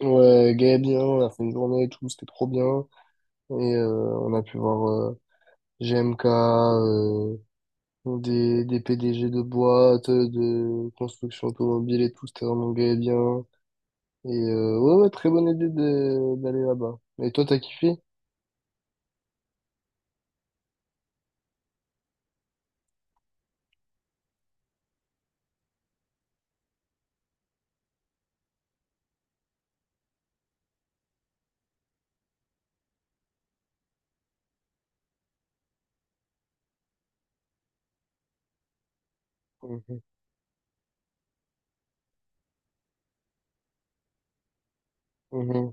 Ouais, Gaëdien, on a fait une journée et tout, c'était trop bien. On a pu voir GMK, des PDG de boîtes, de construction automobile et tout, c'était vraiment Gaëdien. Ouais, ouais, très bonne idée d'aller là-bas. Et toi, t'as kiffé? Mhm, mhm,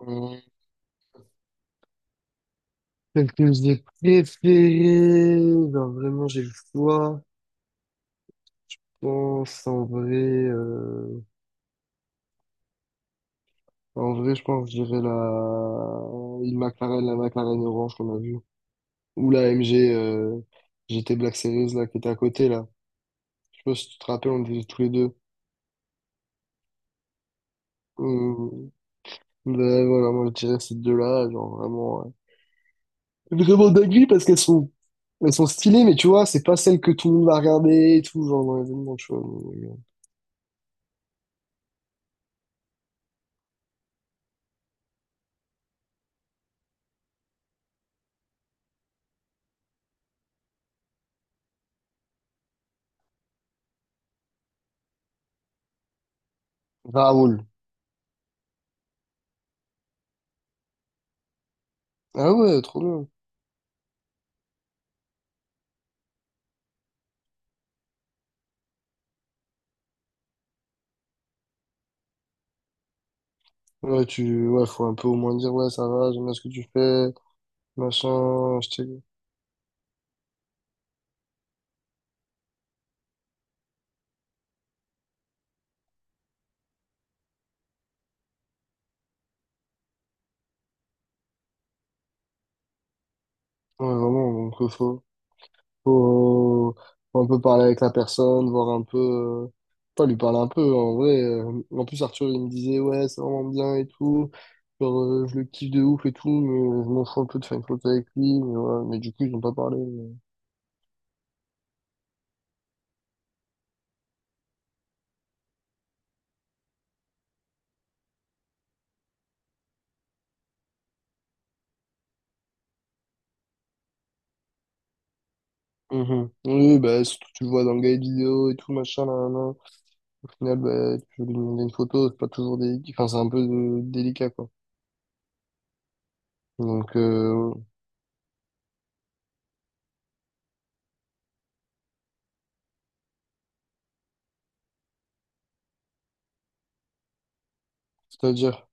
mhm. Celle que j'ai préférée, genre vraiment j'ai le choix. Je pense en vrai, je pense que je dirais une McLaren, la McLaren orange qu'on a vue. Ou la MG GT Black Series là, qui était à côté là. Je sais pas si tu te rappelles, on était tous les deux. Euh, voilà, moi je dirais ces deux-là, genre vraiment, vraiment dinguerie parce elles sont stylées, mais tu vois, c'est pas celles que tout le monde va regarder et tout, genre dans l'événement, tu vois. Raoul. Ah ouais, trop bien. Ouais, faut un peu au moins dire, ouais, ça va, j'aime bien ce que tu fais, machin, Ouais, vraiment, donc, faut. Faut- Faut, faut un peu parler avec la personne, voir un peu. Pas lui parler un peu, en vrai. En plus, Arthur, il me disait, ouais, c'est vraiment bien et tout. Genre, je le kiffe de ouf et tout, mais je m'en fous un peu de faire une photo avec lui. Mais, ouais, mais du coup, ils ont pas parlé. Mhm. Oui, bah, surtout, tu le vois dans le guide vidéo et tout, machin, là, là. Au final, bah, tu veux lui demander une photo, c'est pas toujours délicat. Enfin, c'est un peu délicat, quoi. Donc, c'est-à-dire,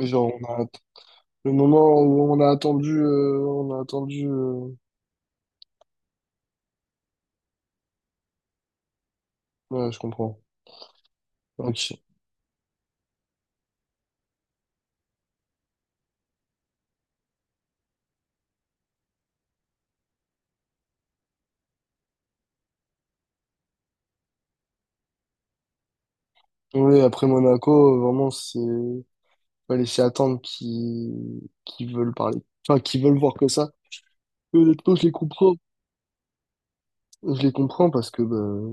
genre, on a, le moment où on a attendu. Ouais, je comprends. Ok. Oui, après Monaco, vraiment, c'est... Fallait s'y attendre qui veulent parler. Enfin, qui veulent voir que ça. Et honnêtement, je les comprends. Je les comprends parce que, bah,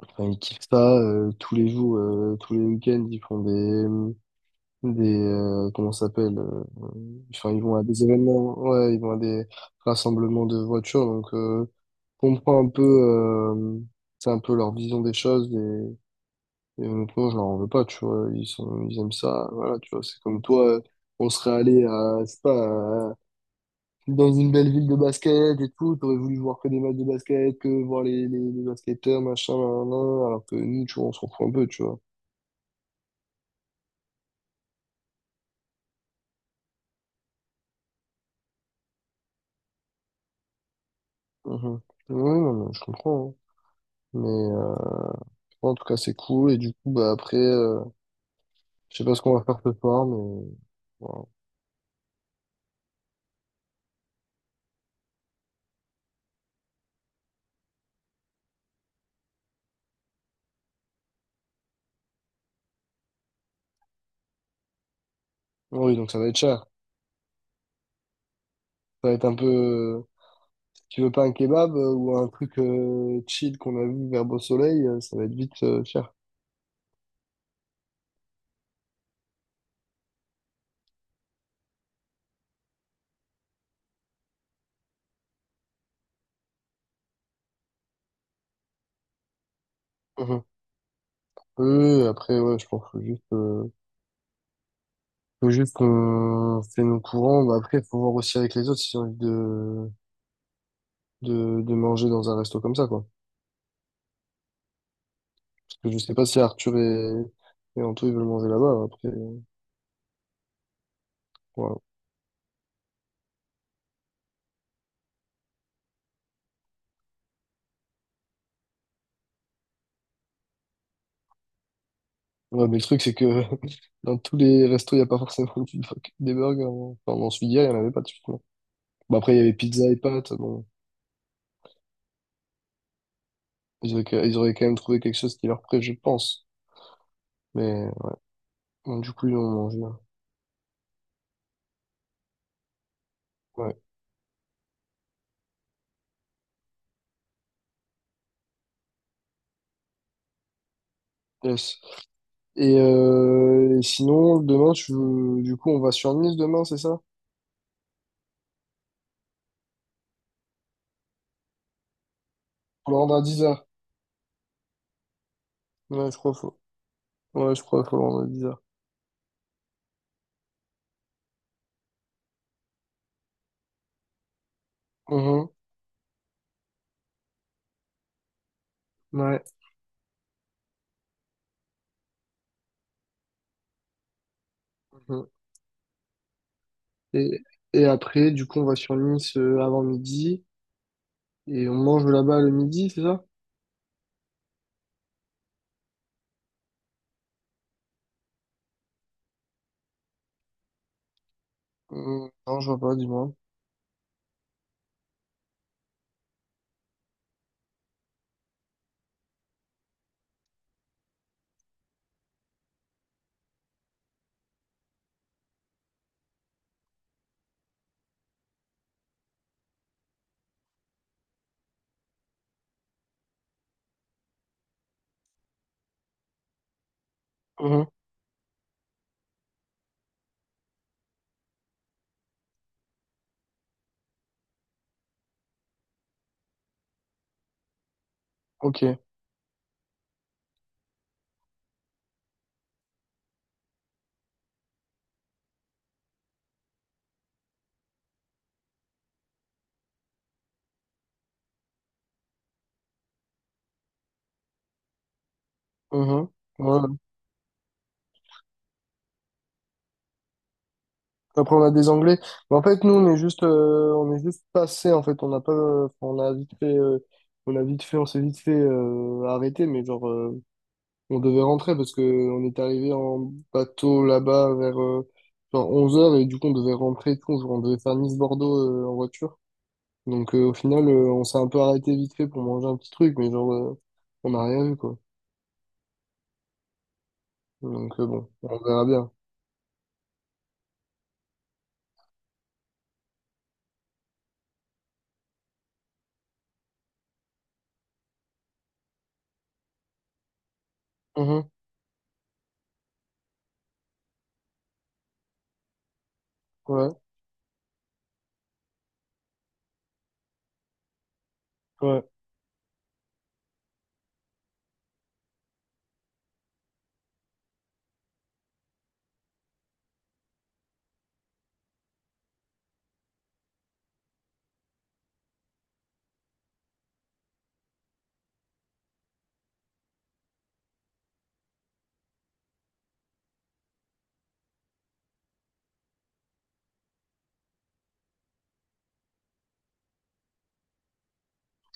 enfin, ils kiffent ça, tous les jours, tous les week-ends, ils font des comment ça s'appelle? Enfin, ils vont à des événements, ouais, ils vont à des rassemblements de voitures, donc... Comprend un peu, c'est un peu leur vision des choses. Et honnêtement, je leur en veux pas, tu vois. Ils aiment ça. Voilà, tu vois. C'est comme toi, on serait allé à, je sais pas, dans une belle ville de basket et tout. T'aurais voulu voir que des matchs de basket, que voir les basketteurs, machin, nan, nan, nan, alors que nous, tu vois, on s'en fout un peu, tu vois. Mhm. Oui, non, mais je comprends, hein. Mais en tout cas, c'est cool. Et du coup, bah après, je sais pas ce qu'on va faire ce soir, mais voilà. Oui, donc ça va être cher. Ça va être un peu. Tu veux pas un kebab ou un truc chill qu'on a vu vers Beau Soleil, ça va être vite cher. Mhm. Oui, oui, après, ouais, je pense qu'il faut juste qu'on fait nos courants. Bah, après, il faut voir aussi avec les autres si j'ai envie de manger dans un resto comme ça, quoi. Parce que je sais pas si et Anto, ils veulent manger là-bas. Après, voilà. Ouais, mais le truc, c'est que dans tous les restos, il n'y a pas forcément des burgers, hein. Enfin, dans celui-là, il n'y en avait pas de suite. Bon, après, il y avait pizza et pâtes. Bon, ils auraient, ils auraient quand même trouvé quelque chose qui leur plaît, je pense. Mais bon, du coup, ils ont mangé, hein. Ouais. Yes. Et sinon, demain, tu veux... du coup, on va sur Nice demain, c'est ça? Faut le rendre à 10 h. Ouais, je crois faut... Ouais, je crois faut le rendre à 10h. Ouais. Mhm. Et, et après, du coup, on va sur Nice avant midi. Et on mange là-bas le midi, c'est ça? Mhm. Non, je vois pas, dis-moi. Mhm. Ok. Mhm. Ouais. Après, on a des Anglais. Mais en fait, nous, on est juste passé. En fait, on n'a pas, on a vite fait, on s'est vite fait arrêter. Mais genre, on devait rentrer parce que on est arrivé en bateau là-bas vers genre 11 heures et du coup, on devait rentrer. Et tout, genre, on devait faire Nice-Bordeaux en voiture. Donc, au final, on s'est un peu arrêté vite fait pour manger un petit truc, mais genre, on n'a rien vu quoi. Donc, bon, on verra bien. Mhm. Ouais, ouais,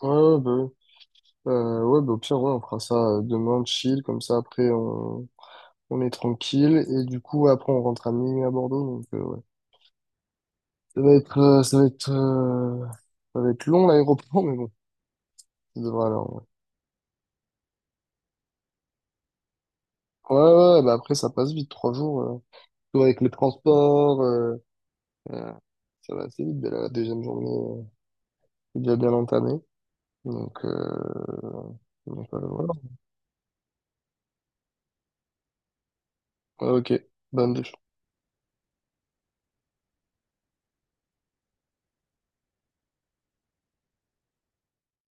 ouais, bah oui. Ouais, bah, au pire, ouais, on fera ça demain, chill, comme ça, après, on est tranquille. Et du coup, ouais, après, on rentre à minuit à Bordeaux, donc, ouais. Ça va être, euh, ça va être, euh, Ça va être long, l'aéroport, mais bon, ça devrait aller, en vrai. Ouais, ouais, bah après, ça passe vite, 3 jours, surtout avec les transports, euh, ça va assez vite, mais la deuxième journée est déjà bien entamée. Donc, euh, donc, voilà. Ouais, ok, bonne